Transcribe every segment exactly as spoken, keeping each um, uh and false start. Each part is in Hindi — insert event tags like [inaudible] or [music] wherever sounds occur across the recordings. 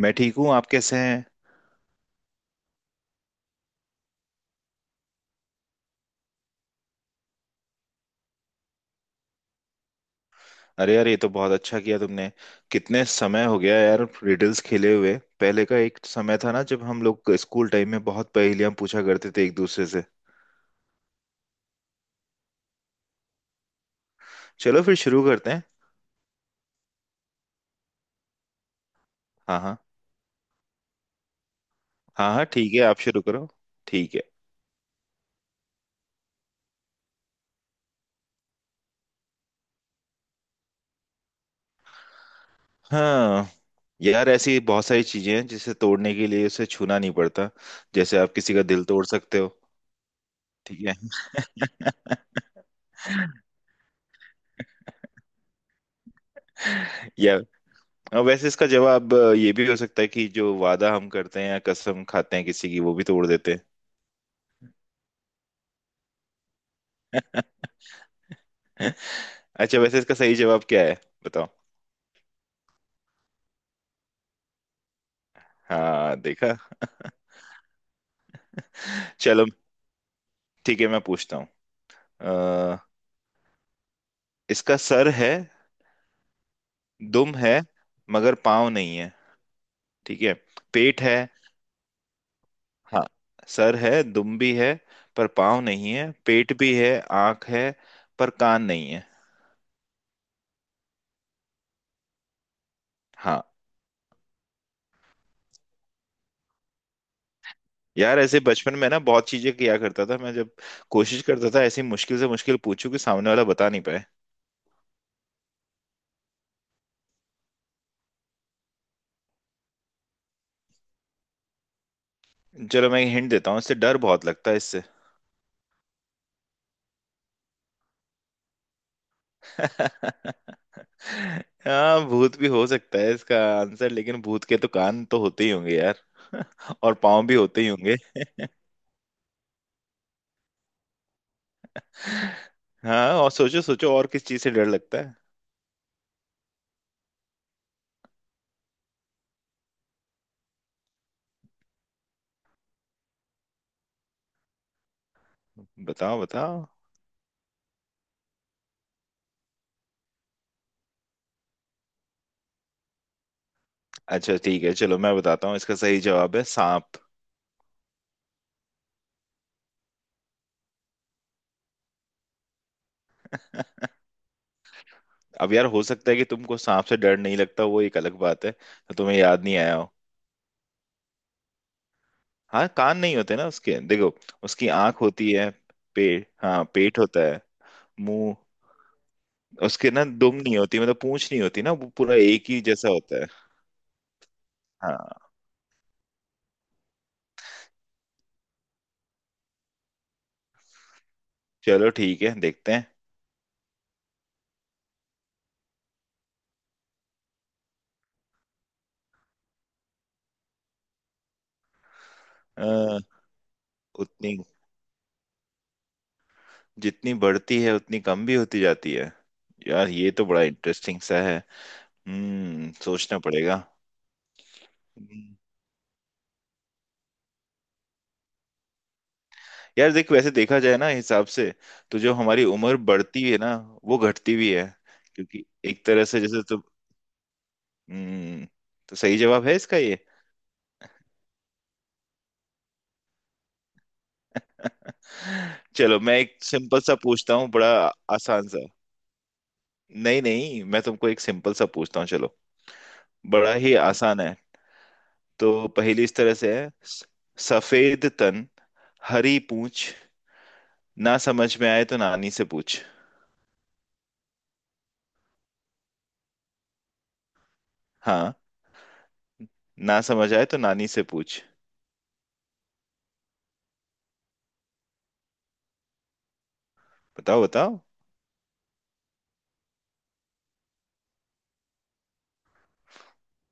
मैं ठीक हूँ। आप कैसे हैं? अरे यार, ये तो बहुत अच्छा किया तुमने। कितने समय हो गया यार रिडल्स खेले हुए। पहले का एक समय था ना, जब हम लोग स्कूल टाइम में बहुत पहेलियां पूछा करते थे एक दूसरे से। चलो फिर शुरू करते हैं। हाँ हाँ। हाँ हाँ ठीक है, आप शुरू करो। ठीक है। हाँ यार, ऐसी बहुत सारी चीजें हैं जिसे तोड़ने के लिए उसे छूना नहीं पड़ता। जैसे आप किसी का दिल तोड़ सकते हो। ठीक है। [laughs] या। हाँ, वैसे इसका जवाब अ, ये भी हो सकता है कि जो वादा हम करते हैं या कसम खाते हैं किसी की, वो भी तोड़ देते हैं। [laughs] अच्छा, वैसे इसका सही जवाब क्या है? बताओ। हाँ देखा। [laughs] चलो ठीक है, मैं पूछता हूँ। अ, इसका सर है, दुम है, मगर पाँव नहीं है। ठीक है। पेट है। हाँ, सर है, दुम भी है, पर पाँव नहीं है, पेट भी है। आँख है पर कान नहीं है। हाँ यार, ऐसे बचपन में ना बहुत चीजें किया करता था मैं, जब कोशिश करता था ऐसी मुश्किल से मुश्किल पूछूं कि सामने वाला बता नहीं पाए। चलो मैं हिंट देता हूँ, इससे डर बहुत लगता है इससे। [laughs] हाँ, भूत भी हो सकता है इसका आंसर, लेकिन भूत के तो कान तो होते ही होंगे यार। [laughs] और पाँव भी होते ही होंगे। [laughs] हाँ, और सोचो सोचो, और किस चीज से डर लगता है? बताओ बताओ। अच्छा ठीक है, चलो मैं बताता हूँ, इसका सही जवाब है सांप। [laughs] अब यार हो सकता है कि तुमको सांप से डर नहीं लगता, वो एक अलग बात है तो तुम्हें याद नहीं आया हो। हाँ, कान नहीं होते ना उसके, देखो। उसकी आंख होती है। पेट, हाँ पेट होता है। मुंह। उसके ना दुम नहीं होती, मतलब पूंछ नहीं होती ना, वो पूरा एक ही जैसा होता है। हाँ। चलो ठीक है, देखते हैं। अ, उतनी, जितनी बढ़ती है उतनी कम भी होती जाती है। यार ये तो बड़ा इंटरेस्टिंग सा है। हम्म, सोचना पड़ेगा। हम्म। यार देख, वैसे देखा जाए ना हिसाब से, तो जो हमारी उम्र बढ़ती है ना, वो घटती भी है। क्योंकि एक तरह से जैसे तो, हम्म, तो सही जवाब है इसका ये। [laughs] चलो मैं एक सिंपल सा पूछता हूँ, बड़ा आसान सा। नहीं नहीं, मैं तुमको एक सिंपल सा पूछता हूँ, चलो। बड़ा ही आसान है। तो पहेली इस तरह से है। स- सफेद तन, हरी पूछ, ना समझ में आए तो नानी से पूछ। हाँ, ना समझ आए तो नानी से पूछ। बताओ बताओ।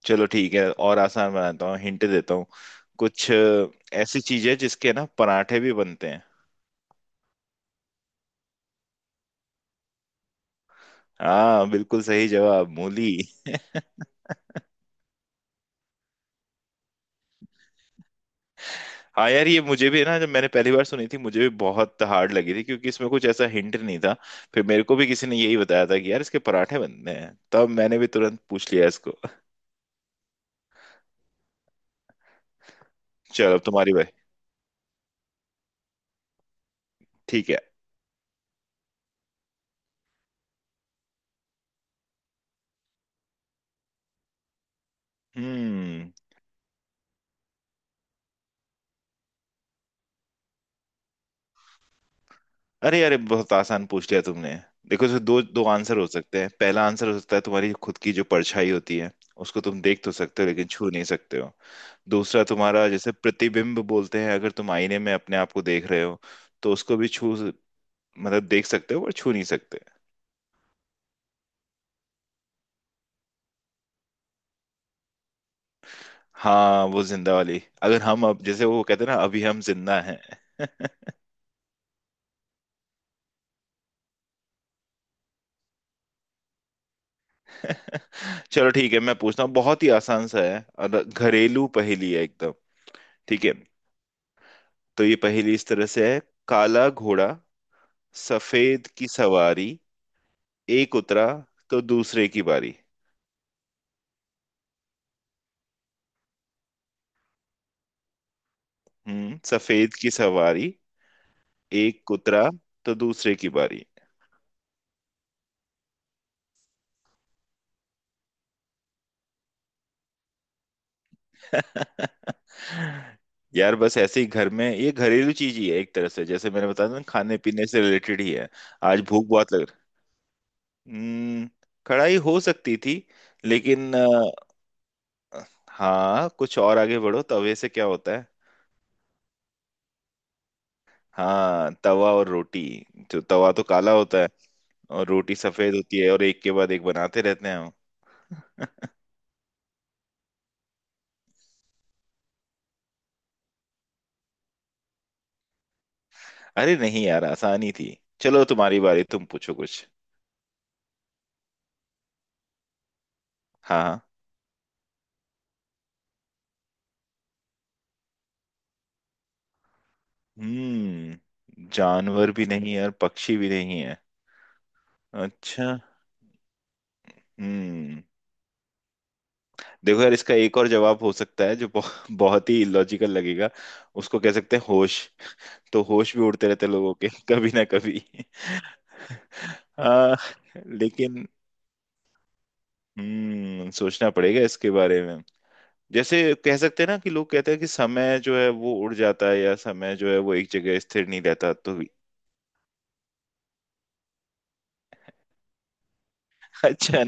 चलो ठीक है, और आसान बनाता हूँ, हिंट देता हूँ। कुछ अ, ऐसी चीज है जिसके ना पराठे भी बनते हैं। हाँ बिल्कुल सही जवाब, मूली। [laughs] हाँ यार, ये मुझे भी है ना, जब मैंने पहली बार सुनी थी मुझे भी बहुत हार्ड लगी थी, क्योंकि इसमें कुछ ऐसा हिंट नहीं था। फिर मेरे को भी किसी ने यही बताया था कि यार इसके पराठे बनते हैं, तब मैंने भी तुरंत पूछ लिया इसको। [laughs] चलो अब तुम्हारी बारी। ठीक है। हम्म। अरे अरे, बहुत आसान पूछ लिया तुमने। देखो, इसमें दो दो आंसर हो सकते हैं। पहला आंसर हो सकता है तुम्हारी खुद की जो परछाई होती है, उसको तुम देख तो सकते हो लेकिन छू नहीं सकते हो। दूसरा, तुम्हारा जैसे प्रतिबिंब बोलते हैं, अगर तुम आईने में अपने आप को देख रहे हो, तो उसको भी छू, मतलब देख सकते हो पर छू नहीं सकते। हाँ, वो जिंदा वाली, अगर हम अब जैसे वो कहते हैं ना, अभी हम जिंदा हैं। [laughs] चलो ठीक है, मैं पूछता हूँ, बहुत ही आसान सा है और घरेलू पहेली है एकदम। ठीक है। तो ये पहेली इस तरह से है। काला घोड़ा, सफेद की सवारी, एक उतरा तो दूसरे की बारी। हम्म, सफेद की सवारी, एक उतरा तो दूसरे की बारी। [laughs] यार, बस ऐसे ही घर में, ये घरेलू चीज ही है एक तरह से। जैसे मैंने बताया था ना, खाने पीने से रिलेटेड ही है। आज भूख बहुत लग रही। हम्म, कढ़ाई हो सकती थी, लेकिन अ, हाँ कुछ और आगे बढ़ो, तवे से क्या होता है? हाँ, तवा और रोटी। जो तवा तो काला होता है, और रोटी सफेद होती है, और एक के बाद एक बनाते रहते हैं हम। अरे नहीं यार, आसानी थी। चलो तुम्हारी बारी, तुम पूछो कुछ। हाँ हाँ। हम्म, जानवर भी नहीं है और पक्षी भी नहीं है। अच्छा। हम्म। देखो यार, इसका एक और जवाब हो सकता है जो बहुत बहुत ही लॉजिकल लगेगा। उसको कह सकते हैं होश। तो होश भी उड़ते रहते हैं लोगों के [laughs] कभी ना कभी। [laughs] आ, लेकिन हम्म, सोचना पड़ेगा इसके बारे में। जैसे कह सकते हैं ना कि लोग कहते हैं कि समय जो है वो उड़ जाता है, या समय जो है वो एक जगह स्थिर नहीं रहता, तो भी। [laughs] अच्छा।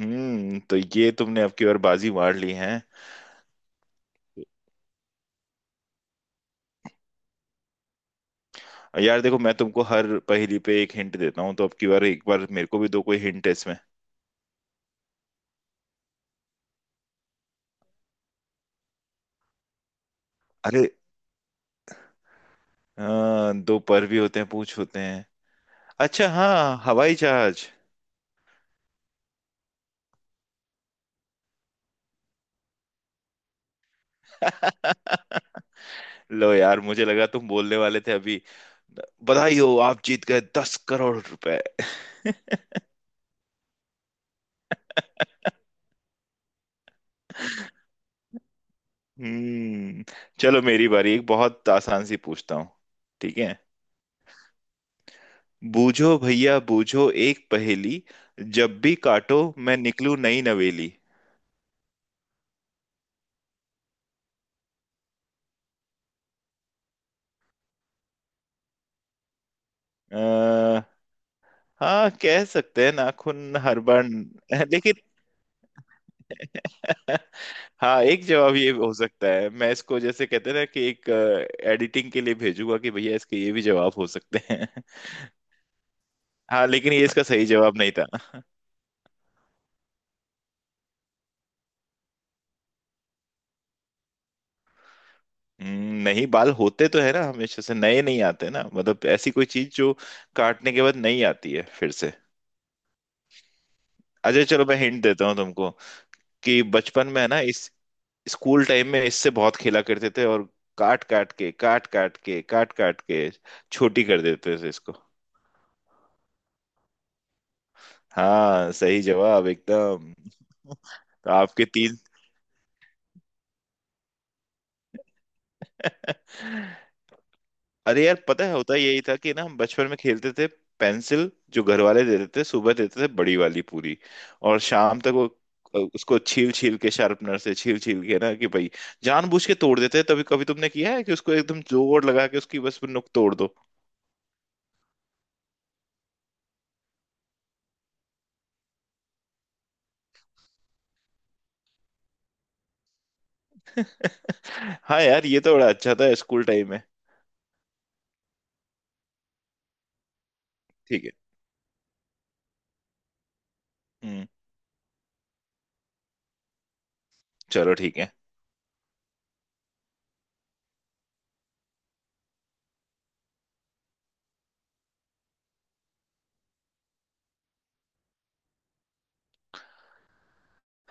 हम्म, तो ये तुमने अब की बार बाजी मार ली है। यार देखो, मैं तुमको हर पहेली पे एक हिंट देता हूँ, तो अब की बार एक बार मेरे को भी दो, कोई हिंट है इसमें? अरे, आ, दो पर भी होते हैं, पूछ होते हैं? अच्छा, हाँ, हवाई जहाज। [laughs] लो यार, मुझे लगा तुम बोलने वाले थे अभी, बधाई हो आप जीत गए दस करोड़ रुपए। [laughs] हम्म। चलो मेरी बारी, एक बहुत आसान सी पूछता हूँ। ठीक है। बूझो भैया बूझो एक पहेली, जब भी काटो मैं निकलूं नई नवेली। अह, हाँ कह सकते हैं नाखून हर बार [laughs] लेकिन। [laughs] हाँ, एक जवाब ये हो सकता है, मैं इसको जैसे कहते हैं ना कि, एक एडिटिंग के लिए भेजूंगा कि भैया इसके ये भी जवाब हो सकते हैं। [laughs] हाँ लेकिन ये इसका सही जवाब नहीं था। हम्म, नहीं, बाल होते तो है ना, हमेशा से नए नहीं आते ना, मतलब ऐसी कोई चीज जो काटने के बाद नहीं आती है फिर से। अच्छा चलो, मैं हिंट देता हूँ तुमको कि बचपन में है ना, इस स्कूल टाइम में इससे बहुत खेला करते थे, और काट काट के काट काट के काट काट के छोटी कर देते थे इसको। हाँ, सही जवाब एकदम। [laughs] तो आपके तीन। [laughs] अरे यार, पता है होता यही था कि ना हम बचपन में खेलते थे, पेंसिल जो घर वाले देते थे, सुबह देते थे बड़ी वाली पूरी, और शाम तक वो, उसको छील छील के शार्पनर से छील छील के ना, कि भाई जानबूझ के तोड़ देते हैं। तभी कभी तुमने किया है कि उसको एकदम जोर लगा के उसकी बस नुक तोड़ दो? [laughs] हाँ यार, ये तो बड़ा अच्छा था स्कूल टाइम में। ठीक है। हम्म। चलो ठीक है।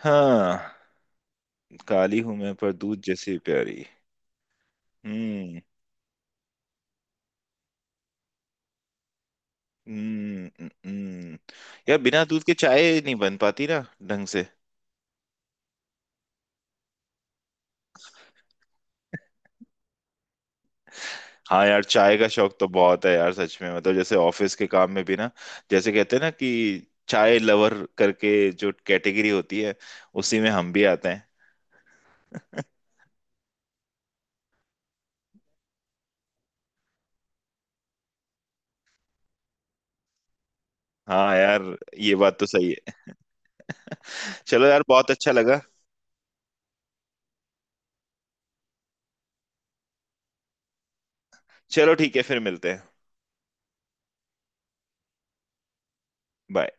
हाँ। काली हूं मैं, पर दूध जैसी प्यारी। हम्म हम्म, हम्म, हम्म। यार बिना दूध के चाय नहीं बन पाती ना ढंग से। हाँ यार, चाय का शौक तो बहुत है यार सच में। मतलब जैसे ऑफिस के काम में भी ना, जैसे कहते हैं ना कि चाय लवर करके जो कैटेगरी होती है, उसी में हम भी आते हैं। हाँ यार, ये बात तो सही है। [laughs] चलो यार, बहुत अच्छा लगा। चलो ठीक है, फिर मिलते हैं। बाय।